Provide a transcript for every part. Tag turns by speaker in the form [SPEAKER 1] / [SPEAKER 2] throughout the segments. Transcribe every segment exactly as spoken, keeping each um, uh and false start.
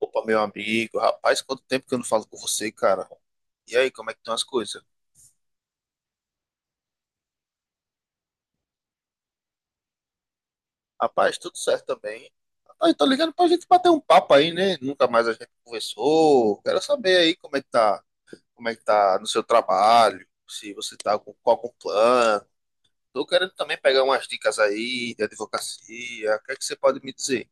[SPEAKER 1] Opa, meu amigo, rapaz, quanto tempo que eu não falo com você, cara. E aí, como é que estão as coisas? Rapaz, tudo certo também. Rapaz, tô ligando pra gente bater um papo aí, né? Nunca mais a gente conversou. Quero saber aí como é que tá, como é que tá no seu trabalho, se você tá com qual com plano. Tô querendo também pegar umas dicas aí de advocacia. O que é que você pode me dizer?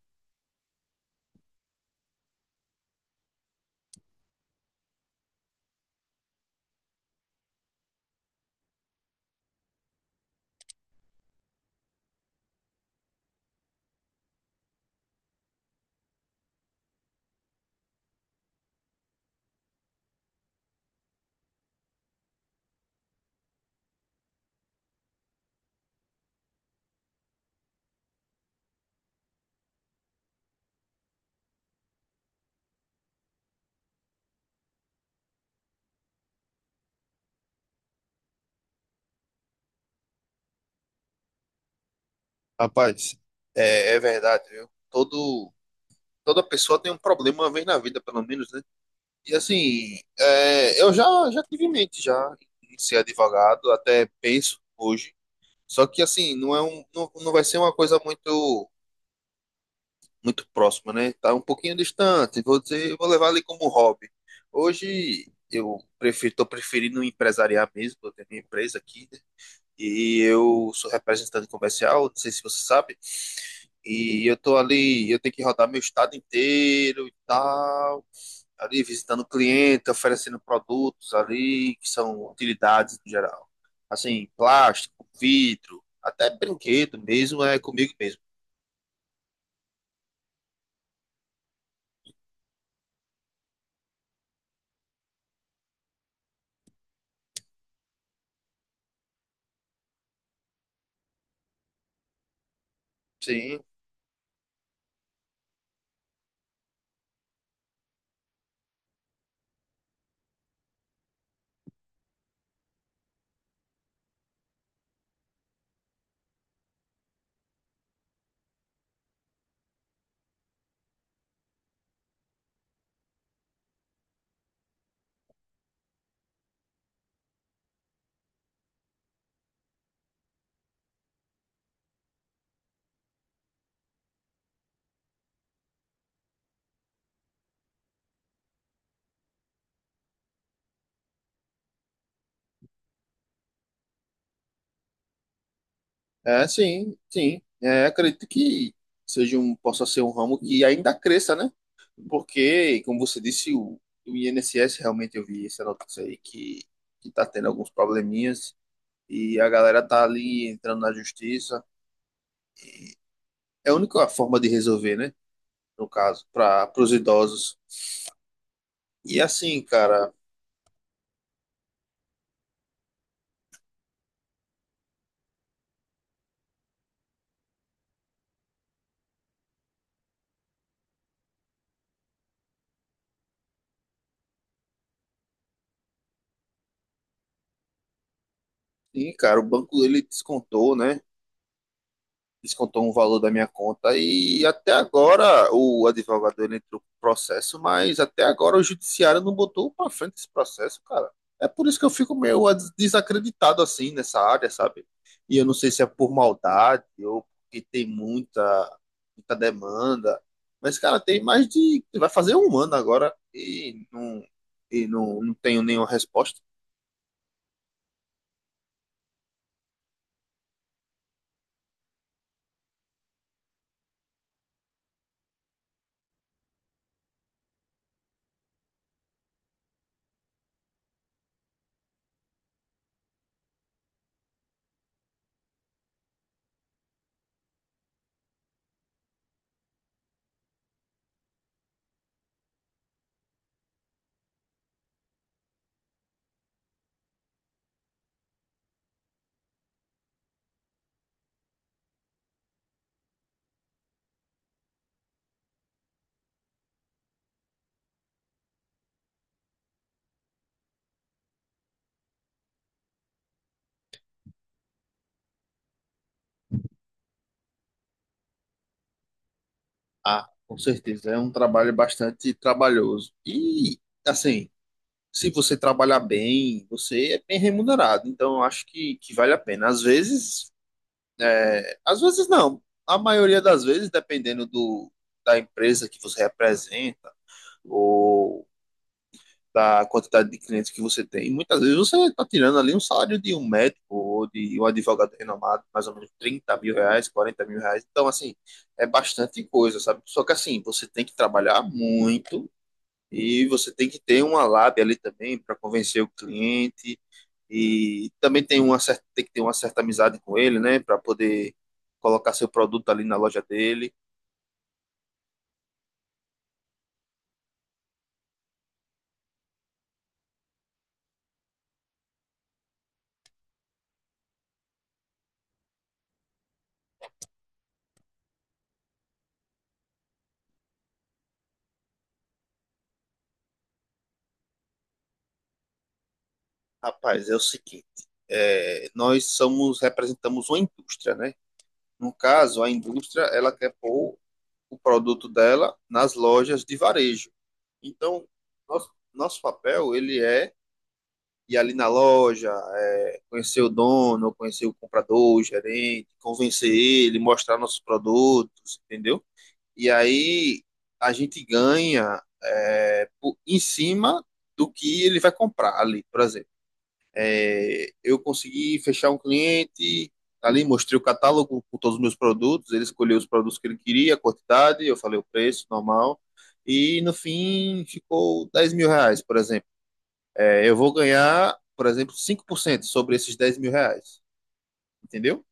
[SPEAKER 1] Rapaz, é, é verdade, viu? Todo, toda pessoa tem um problema uma vez na vida, pelo menos, né? E assim, é, eu já, já tive em mente já em ser advogado, até penso hoje. Só que assim, não é um, não, não vai ser uma coisa muito muito próxima, né? Tá um pouquinho distante. Vou dizer, vou levar ali como hobby. Hoje eu prefiro, tô preferindo empresariar mesmo, eu tenho minha empresa aqui, né? E eu sou representante comercial, não sei se você sabe, e eu tô ali, eu tenho que rodar meu estado inteiro e tal ali visitando o cliente, oferecendo produtos ali que são utilidades em geral. Assim, plástico, vidro, até brinquedo mesmo, é comigo mesmo. Sim, é, sim, sim. É, acredito que seja um, possa ser um ramo que ainda cresça, né? Porque, como você disse, o, o I N S S, realmente eu vi essa notícia aí, que que está tendo alguns probleminhas e a galera tá ali entrando na justiça. É a única forma de resolver, né? No caso, para os idosos. E assim, cara, sim, cara, o banco ele descontou, né? Descontou um valor da minha conta e até agora o advogado ele entrou com processo, mas até agora o judiciário não botou um pra frente esse processo, cara. É por isso que eu fico meio des- desacreditado assim nessa área, sabe? E eu não sei se é por maldade ou porque tem muita muita demanda, mas cara, tem mais de vai fazer um ano agora e não e não, não tenho nenhuma resposta. Ah, com certeza. É um trabalho bastante trabalhoso. E, assim, se você trabalhar bem, você é bem remunerado. Então, eu acho que, que vale a pena. Às vezes, é, às vezes não. A maioria das vezes, dependendo do, da empresa que você representa, ou da quantidade de clientes que você tem. E muitas vezes você está tirando ali um salário de um médico ou de um advogado renomado, mais ou menos trinta mil reais, quarenta mil reais. Então, assim, é bastante coisa, sabe? Só que, assim, você tem que trabalhar muito e você tem que ter uma lábia ali também para convencer o cliente. E também tem, uma certa, tem que ter uma certa amizade com ele, né? Para poder colocar seu produto ali na loja dele. Rapaz, é o seguinte. É, nós somos representamos uma indústria, né? No caso, a indústria, ela quer pôr o produto dela nas lojas de varejo. Então, nosso, nosso papel, ele é ir ali na loja, é, conhecer o dono, conhecer o comprador, o gerente, convencer ele, mostrar nossos produtos, entendeu? E aí a gente ganha é, por- em cima do que ele vai comprar ali, por exemplo. É, eu consegui fechar um cliente ali, mostrei o catálogo com todos os meus produtos, ele escolheu os produtos que ele queria, a quantidade, eu falei o preço normal, e no fim ficou dez mil reais, por exemplo. É, eu vou ganhar, por exemplo, cinco por cento sobre esses dez mil reais, entendeu?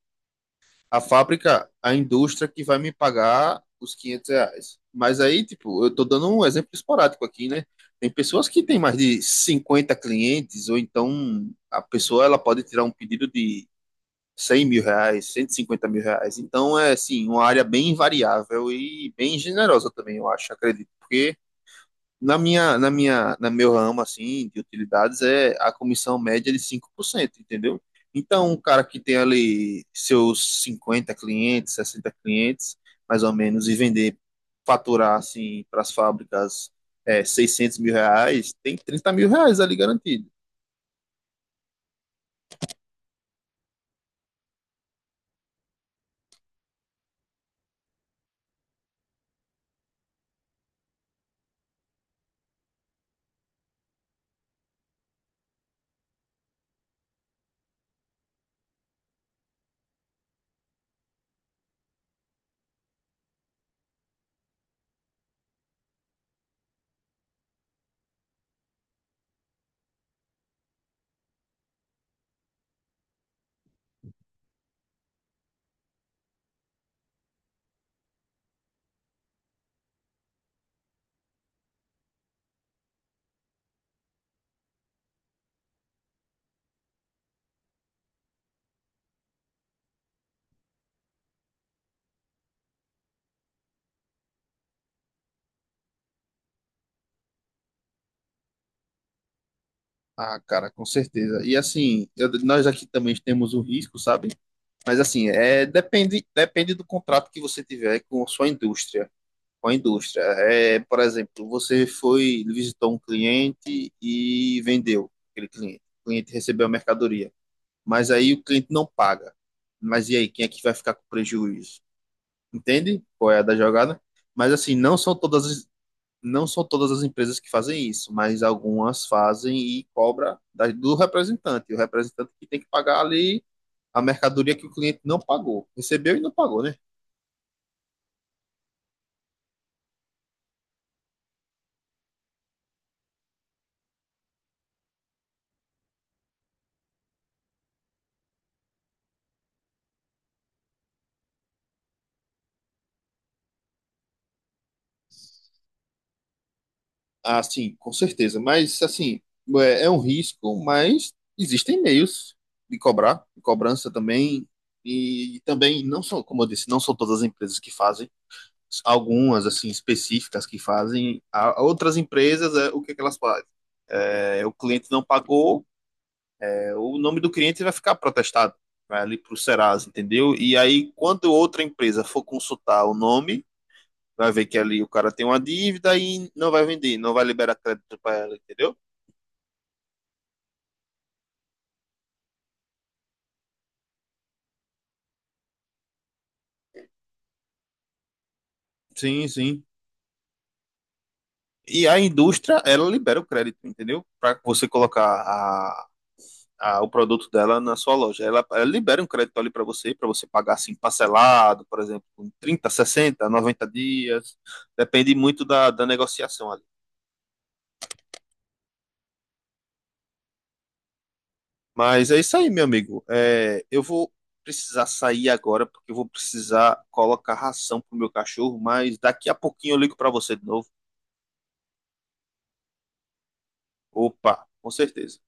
[SPEAKER 1] A fábrica, a indústria que vai me pagar os quinhentos reais. Mas aí, tipo, eu tô dando um exemplo esporádico aqui, né? Tem pessoas que têm mais de cinquenta clientes, ou então a pessoa ela pode tirar um pedido de cem mil reais, cento e cinquenta mil reais. Então é assim, uma área bem variável e bem generosa também, eu acho, acredito, porque na minha, na minha, na meu ramo assim de utilidades é a comissão média é de cinco por cento, entendeu? Então, um cara que tem ali seus cinquenta clientes, sessenta clientes, mais ou menos, e vender, faturar assim para as fábricas é, seiscentos mil reais, tem trinta mil reais ali garantido. Ah, cara, com certeza. E assim, eu- nós aqui também temos o risco, sabe? Mas assim, é, depende, depende do contrato que você tiver com a sua indústria. Com a indústria. É, por exemplo, você foi, visitou um cliente e vendeu aquele cliente. O cliente recebeu a mercadoria. Mas aí o cliente não paga. Mas e aí, quem é que vai ficar com prejuízo? Entende? Qual é a da jogada? Mas assim, não são todas, não são todas as empresas que fazem isso, mas algumas fazem e cobra da- do representante. O representante que tem que pagar ali a mercadoria que o cliente não pagou. Recebeu e não pagou, né? Ah, sim, com certeza. Mas, assim, é, é um risco, mas existem meios de cobrar, de cobrança também. E, também, não são, como eu disse, não são todas as empresas que fazem. Algumas, assim, específicas que fazem. Há outras empresas, é, o que é que elas fazem? É, o cliente não pagou, o nome do cliente vai ficar protestado, vai ali para o Serasa, entendeu? E aí, quando outra empresa for consultar o nome, vai ver que ali o cara tem uma dívida e não vai vender, não vai liberar crédito para ela, entendeu? Sim, sim. E a indústria, ela libera o crédito, entendeu? Para você colocar a, a- o produto dela na sua loja. Ela, ela libera um crédito ali para você, para você pagar assim parcelado, por exemplo, em trinta sessenta noventa dias. Depende muito da, da negociação ali. Mas é isso aí, meu amigo. É, eu vou precisar sair agora porque eu vou precisar colocar ração pro meu cachorro, mas daqui a pouquinho eu ligo para você de novo. Opa, com certeza.